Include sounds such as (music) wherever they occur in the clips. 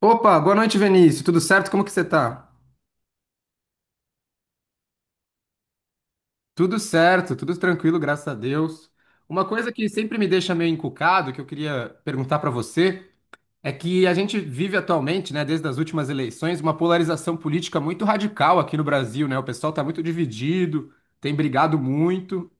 Opa, boa noite, Vinícius. Tudo certo? Como que você tá? Tudo certo, tudo tranquilo, graças a Deus. Uma coisa que sempre me deixa meio encucado, que eu queria perguntar pra você, é que a gente vive atualmente, né, desde as últimas eleições, uma polarização política muito radical aqui no Brasil, né? O pessoal tá muito dividido, tem brigado muito.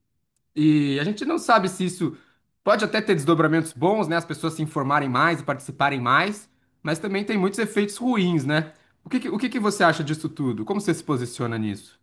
E a gente não sabe se isso pode até ter desdobramentos bons, né? As pessoas se informarem mais e participarem mais, mas também tem muitos efeitos ruins, né? O que que você acha disso tudo? Como você se posiciona nisso?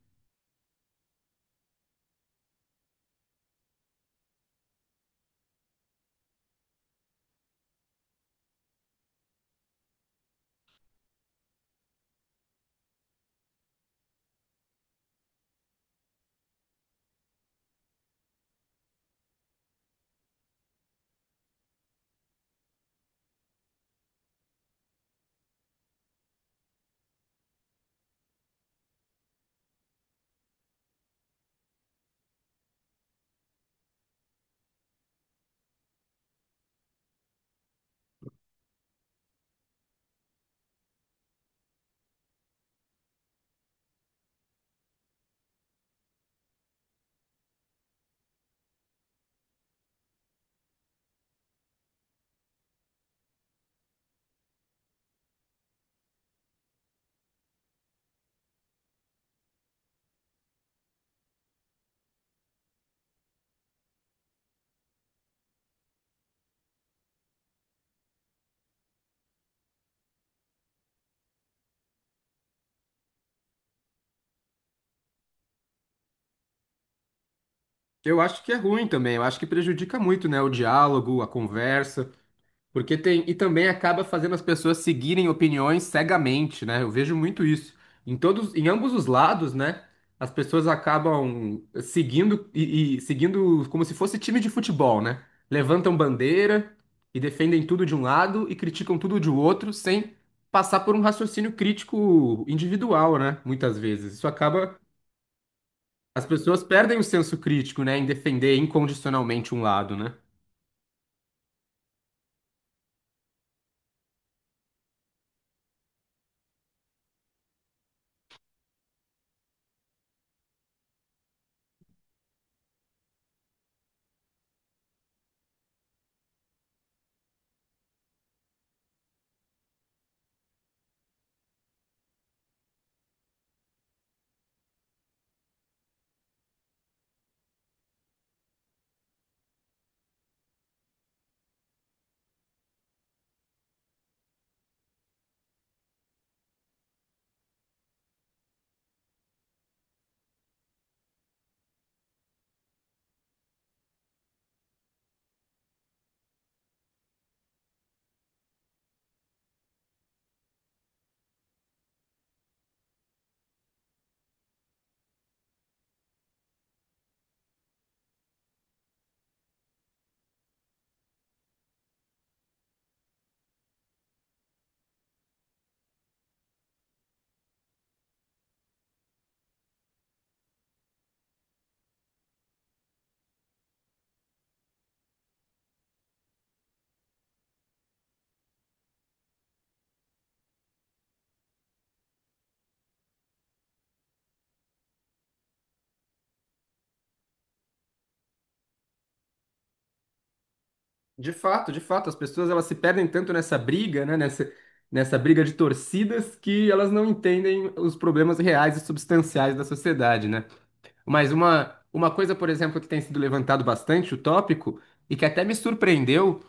Eu acho que é ruim também, eu acho que prejudica muito, né? O diálogo, a conversa. Porque tem, e também acaba fazendo as pessoas seguirem opiniões cegamente, né? Eu vejo muito isso. Em todos, em ambos os lados, né? As pessoas acabam seguindo e seguindo como se fosse time de futebol, né? Levantam bandeira e defendem tudo de um lado e criticam tudo de outro sem passar por um raciocínio crítico individual, né? Muitas vezes. Isso acaba, as pessoas perdem o senso crítico, né? Em defender incondicionalmente um lado, né? De fato, as pessoas elas se perdem tanto nessa briga, né, nessa briga de torcidas, que elas não entendem os problemas reais e substanciais da sociedade, né? Mas uma coisa, por exemplo, que tem sido levantado bastante, o tópico, e que até me surpreendeu,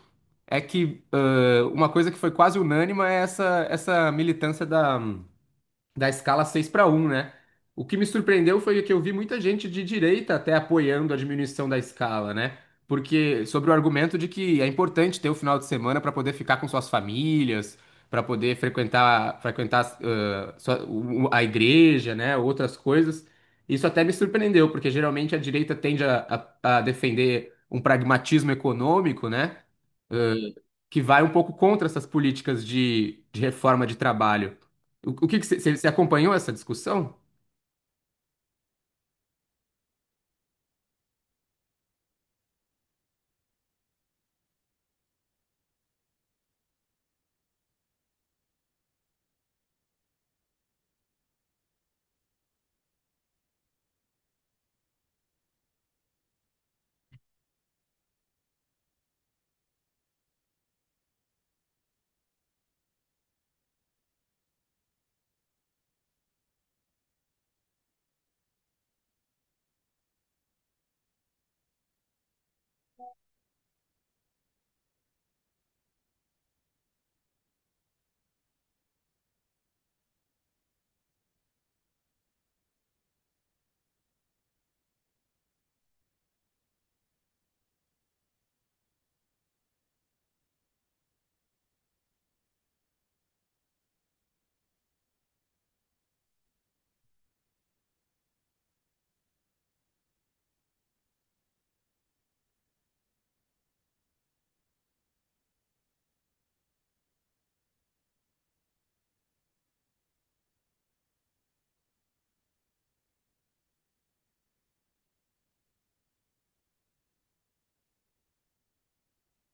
é que uma coisa que foi quase unânime é essa militância da escala 6x1, né? O que me surpreendeu foi que eu vi muita gente de direita até apoiando a diminuição da escala, né? Porque sobre o argumento de que é importante ter o final de semana para poder ficar com suas famílias, para poder frequentar a igreja, né? Outras coisas. Isso até me surpreendeu, porque geralmente a direita tende a defender um pragmatismo econômico, né? que vai um pouco contra essas políticas de reforma de trabalho. O que que você acompanhou essa discussão?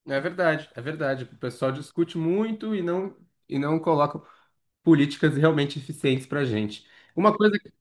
É verdade, é verdade. O pessoal discute muito e não coloca políticas realmente eficientes para a gente. Uma coisa que,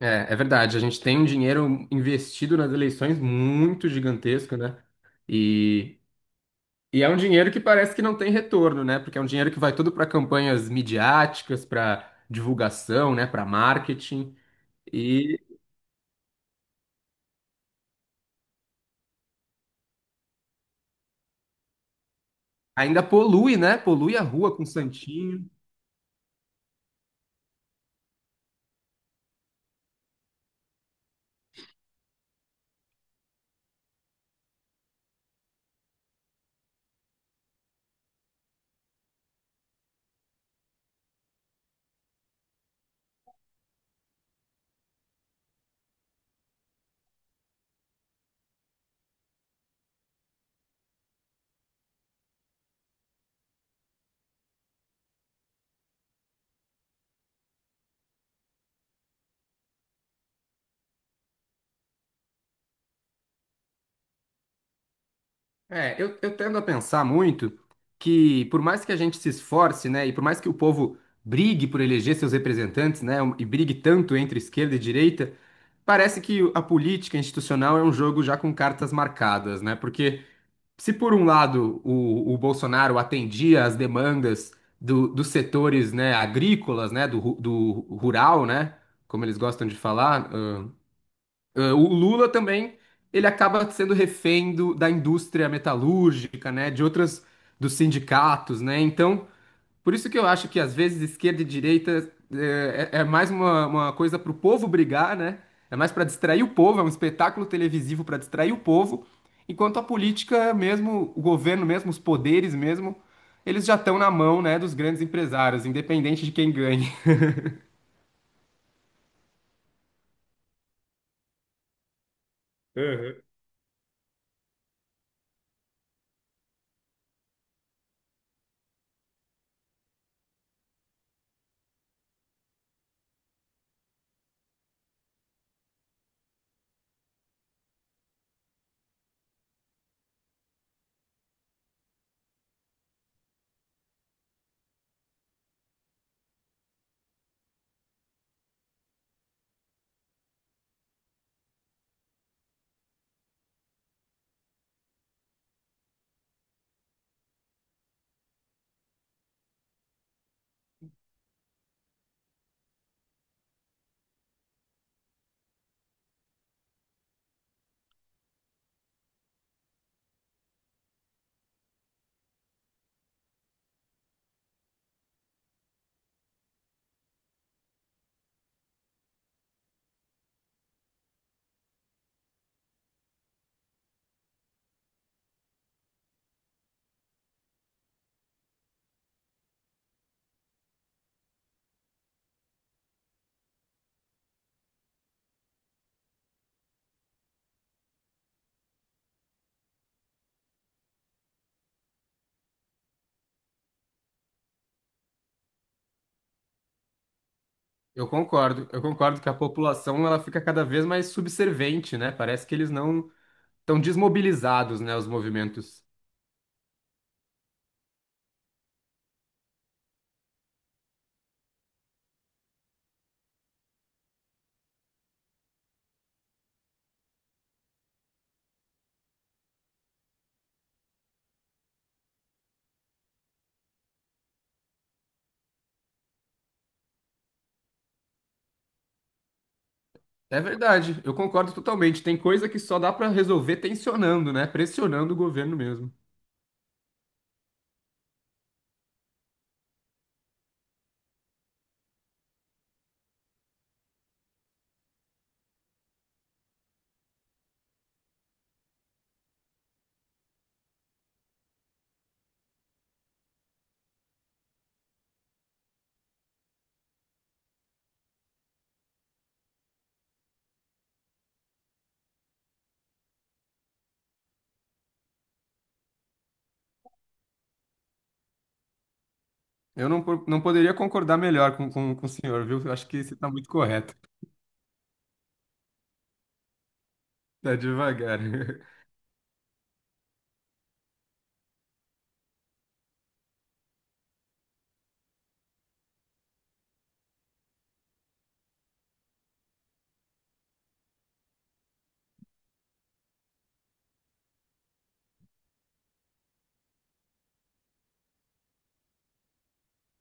é, é verdade, a gente tem um dinheiro investido nas eleições muito gigantesco, né? E, e é um dinheiro que parece que não tem retorno, né? Porque é um dinheiro que vai todo para campanhas midiáticas, para divulgação, né? Para marketing. Ainda polui, né? Polui a rua com santinho. É, eu tendo a pensar muito que, por mais que a gente se esforce, né, e por mais que o povo brigue por eleger seus representantes, né, e brigue tanto entre esquerda e direita, parece que a política institucional é um jogo já com cartas marcadas, né? Porque se por um lado o Bolsonaro atendia às demandas dos setores, né, agrícolas, né, do rural, né, como eles gostam de falar, ah, o Lula também, ele acaba sendo refém da indústria metalúrgica, né, de outras, dos sindicatos, né, então, por isso que eu acho que às vezes esquerda e direita é mais uma coisa para o povo brigar, né, é mais para distrair o povo, é um espetáculo televisivo para distrair o povo, enquanto a política mesmo, o governo mesmo, os poderes mesmo, eles já estão na mão, né, dos grandes empresários, independente de quem ganhe. (laughs) Eu concordo que a população ela fica cada vez mais subservente, né? Parece que eles não estão desmobilizados, né, os movimentos. É verdade, eu concordo totalmente. Tem coisa que só dá para resolver tensionando, né? Pressionando o governo mesmo. Eu não, po- Não poderia concordar melhor com o senhor, viu? Eu acho que você está muito correto. Tá devagar. (laughs)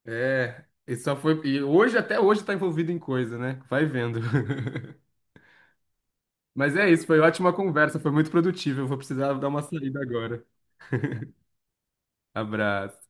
É, e só foi. E hoje, até hoje, está envolvido em coisa, né? Vai vendo. (laughs) Mas é isso, foi ótima conversa, foi muito produtiva. Eu vou precisar dar uma saída agora. Abraço.